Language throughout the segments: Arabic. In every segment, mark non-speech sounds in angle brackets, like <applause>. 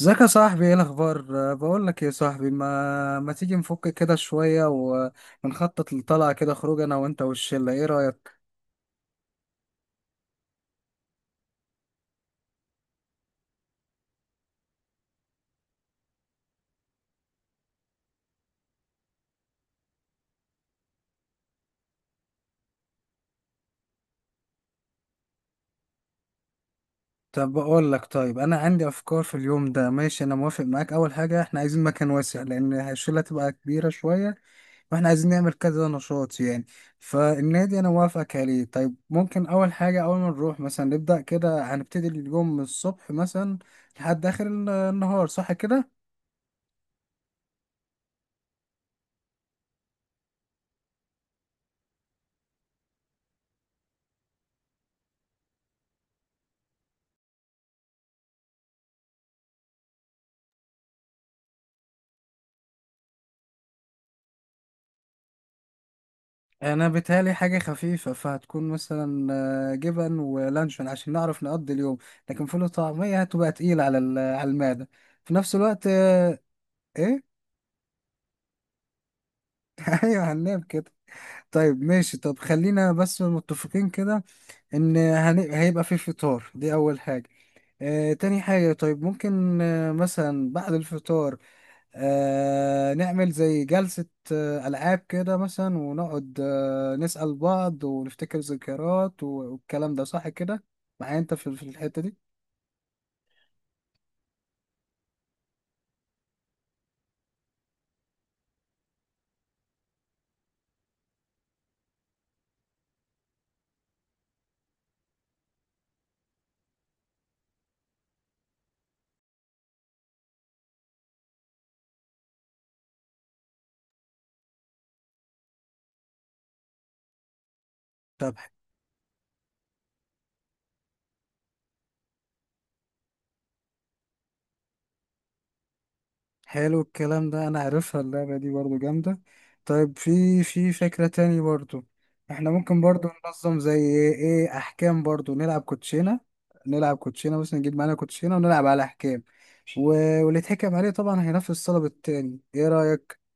ازيك يا صاحبي، ايه الاخبار؟ بقول لك يا صاحبي، ما تيجي نفك كده شويه ونخطط لطلعه كده خروج انا وانت والشله؟ ايه رايك؟ طب بقول لك، طيب انا عندي افكار في اليوم ده. ماشي انا موافق معاك. اول حاجه احنا عايزين مكان واسع لان الشله تبقى كبيره شويه، واحنا عايزين نعمل كذا نشاط يعني. فالنادي انا موافقك عليه. طيب ممكن اول حاجه، اول ما نروح مثلا نبدا كده هنبتدي اليوم من الصبح مثلا لحد اخر النهار، صح كده؟ انا بيتهيألي حاجه خفيفه، فهتكون مثلا جبن ولانشون عشان نعرف نقضي اليوم، لكن فول وطعميه هتبقى تقيل على على المعده في نفس الوقت. ايه؟ <laughs> ايوه هننام كده. طيب ماشي، طب خلينا بس متفقين كده ان هيبقى في فطار، دي اول حاجه. تاني حاجه، طيب ممكن مثلا بعد الفطار نعمل زي جلسة ألعاب كده مثلا، ونقعد نسأل بعض ونفتكر ذكريات والكلام ده، صح كده؟ معايا أنت في الحتة دي؟ طب حلو الكلام ده. أنا عارفها اللعبة دي، برضو جامدة. طيب في فكرة تاني برضو، احنا ممكن برضو ننظم زي ايه، أحكام. برضو نلعب كوتشينة. نلعب كوتشينة مثلا، نجيب معانا كوتشينة ونلعب على أحكام، و... واللي يتحكم عليه طبعا هينفذ طلب التاني. ايه رأيك؟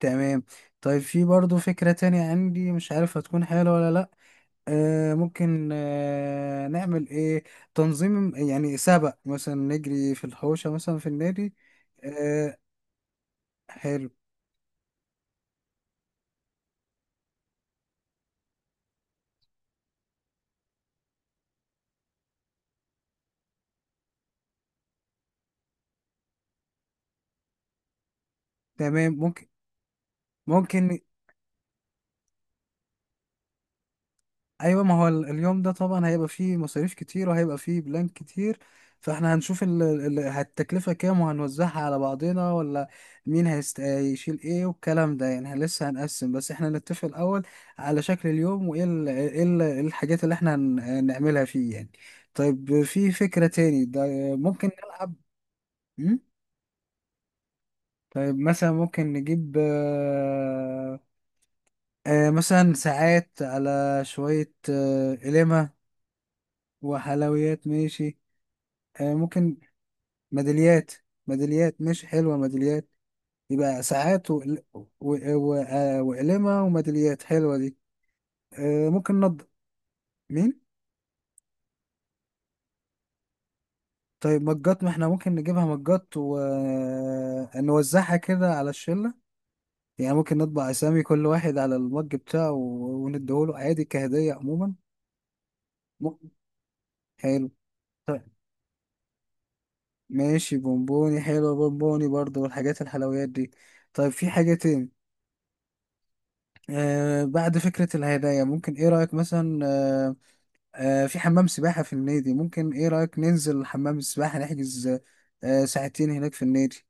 تمام. طيب في برضو فكرة تانية عندي، مش عارف هتكون حلوة ولا لأ. ممكن نعمل ايه تنظيم يعني سبق، مثلا نجري في الحوشة مثلا في النادي. آه حلو. تمام ممكن، ممكن. ايوه، ما هو اليوم ده طبعا هيبقى فيه مصاريف كتير وهيبقى فيه بلان كتير، فاحنا هنشوف التكلفة كام وهنوزعها على بعضنا، ولا مين هيشيل ايه والكلام ده يعني. لسه هنقسم، بس احنا نتفق الاول على شكل اليوم، وايه إيه إيه الحاجات اللي احنا هنعملها فيه يعني. طيب في فكرة تاني ده، ممكن نلعب. مم؟ طيب مثلا ممكن نجيب مثلا ساعات، على شوية قلمة وحلويات. ماشي ممكن ميداليات. ميداليات ماشي، حلوة ميداليات. يبقى ساعات و... و... و... آه، وقلمة وميداليات حلوة دي. ممكن نض. مين؟ طيب مجات، ما احنا ممكن نجيبها مجات ونوزعها كده على الشلة يعني. ممكن نطبع أسامي كل واحد على المج بتاعه ونديهوله عادي كهدية عموما. م- حلو. طيب ماشي، بونبوني حلو بونبوني برضه، والحاجات الحلويات دي. طيب في حاجة تاني؟ بعد فكرة الهدايا، ممكن ايه رأيك مثلا في حمام سباحة في النادي؟ ممكن ايه رأيك ننزل حمام السباحة، نحجز ساعتين هناك في النادي،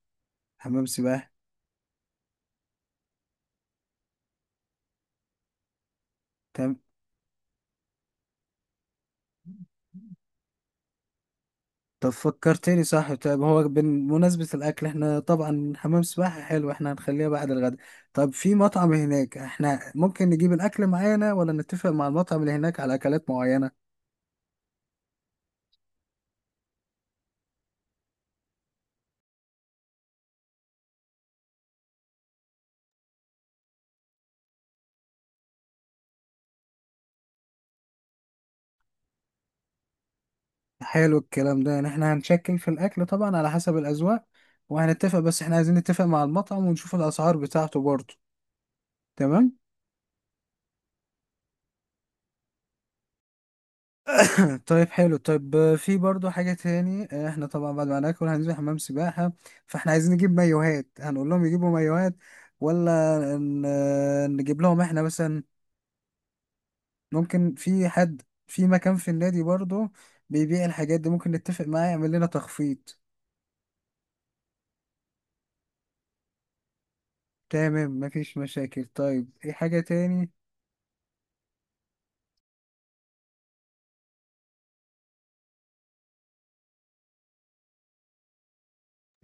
حمام سباحة. تمام. طب فكرتني، صح. طيب هو بمناسبة الأكل، احنا طبعا حمام سباحة حلو، احنا هنخليها بعد الغداء. طب في مطعم هناك، احنا ممكن نجيب الأكل معانا ولا نتفق مع المطعم اللي هناك على أكلات معينة؟ حلو الكلام ده. يعني احنا هنشكل في الأكل طبعا على حسب الأذواق وهنتفق، بس احنا عايزين نتفق مع المطعم ونشوف الأسعار بتاعته برضه. تمام. <clears throat> طيب حلو. طيب في برضو حاجة تاني. احنا طبعا بعد ما ناكل هننزل حمام سباحة، فاحنا عايزين نجيب مايوهات. هنقول لهم يجيبوا مايوهات ولا نجيب لهم احنا مثلا؟ ممكن في حد في مكان في النادي برضو بيبيع الحاجات دي، ممكن نتفق معاه يعمل لنا تخفيض. تمام مفيش مشاكل. طيب ايه حاجة تاني؟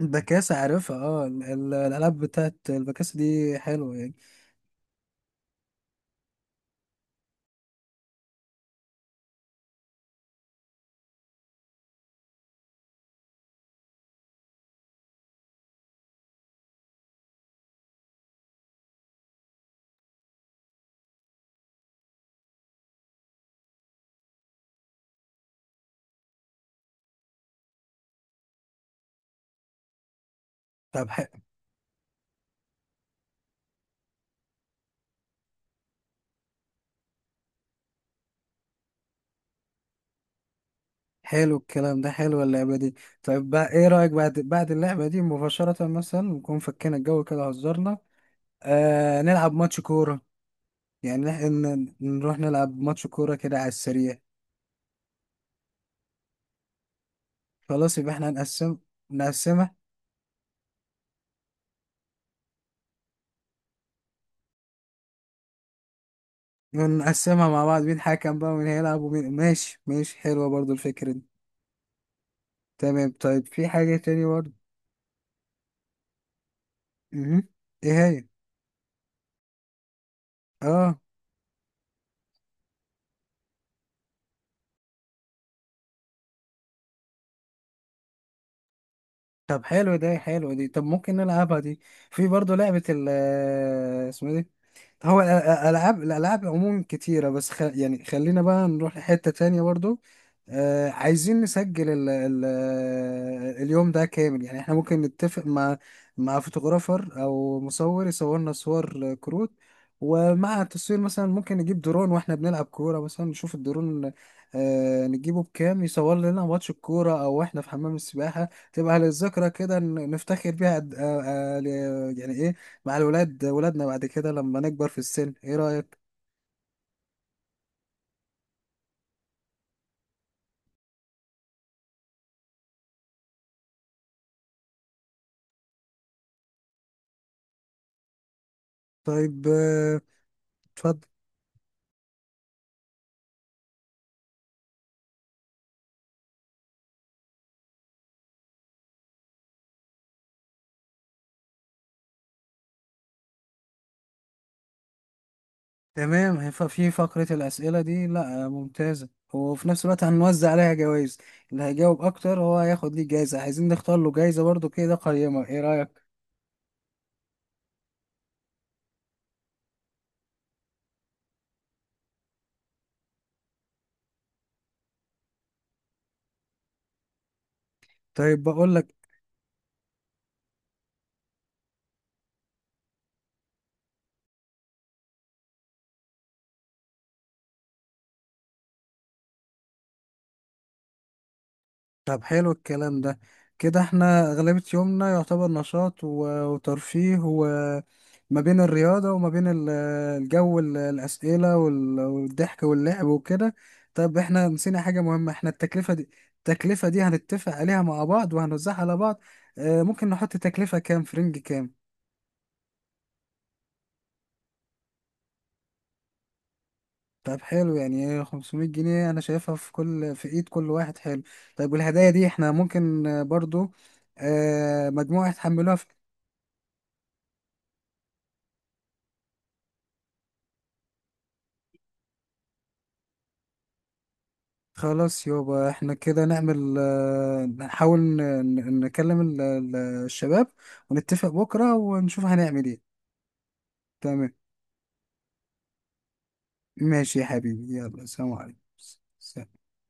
البكاسة عارفها، اه الألعاب بتاعت البكاسة دي حلوة يعني. طب حلو الكلام ده، حلو اللعبة دي. طيب بقى ايه رأيك، بعد اللعبة دي مباشرة، مثلا نكون فكينا الجو كده هزرنا، نلعب ماتش كورة. يعني نروح نلعب ماتش كورة كده على السريع. خلاص، يبقى احنا هنقسم، نقسمها، ونقسمها مع بعض، مين حكم بقى ومين هيلعب ومين. ماشي ماشي، حلوة برضو الفكرة دي. تمام. طيب في حاجة تاني برضو مهم. ايه هي؟ اه طب حلو ده، حلو دي، طب ممكن نلعبها دي. في برضو لعبة ال <laughs> اسمها دي. هو الألعاب، الألعاب عموما كتيرة، بس يعني خلينا بقى نروح لحتة تانية برضو. آه عايزين نسجل اليوم ده كامل يعني. احنا ممكن نتفق مع مع فوتوغرافر أو مصور، يصورنا صور كروت. ومع التصوير مثلا ممكن نجيب درون واحنا بنلعب كورة مثلا، نشوف الدرون، نجيبه بكام يصور لنا ماتش الكورة، أو واحنا في حمام السباحة، تبقى للذكرى كده نفتخر بيها يعني، إيه، مع الولاد ولادنا بعد كده لما نكبر في السن. ايه رأيك؟ طيب اتفضل. تمام، هيبقى في فقرة الأسئلة دي لا ممتازة، وفي نفس الوقت هنوزع عليها جوائز. اللي هيجاوب أكتر هو هياخد ليه جايزة. عايزين نختار له جايزة برضو كده قيمة، ايه رأيك؟ طيب بقول لك، طب حلو الكلام ده. كده احنا أغلبية يومنا يعتبر نشاط وترفيه، وما بين الرياضة وما بين الجو، الأسئلة والضحك واللعب وكده. طب احنا نسينا حاجة مهمة، احنا التكلفة دي، التكلفة دي هنتفق عليها مع بعض وهنوزعها على بعض. اه ممكن نحط تكلفة كام، فرنج كام. طب حلو، يعني 500 جنيه أنا شايفها في كل، في إيد كل واحد، حلو. طيب والهدايا دي احنا ممكن برضو مجموعة يحملوها. خلاص يابا، احنا كده نعمل نحاول نكلم الشباب ونتفق بكرة ونشوف هنعمل ايه. تمام. ماشي يا حبيبي، يلا سلام عليكم، سلام.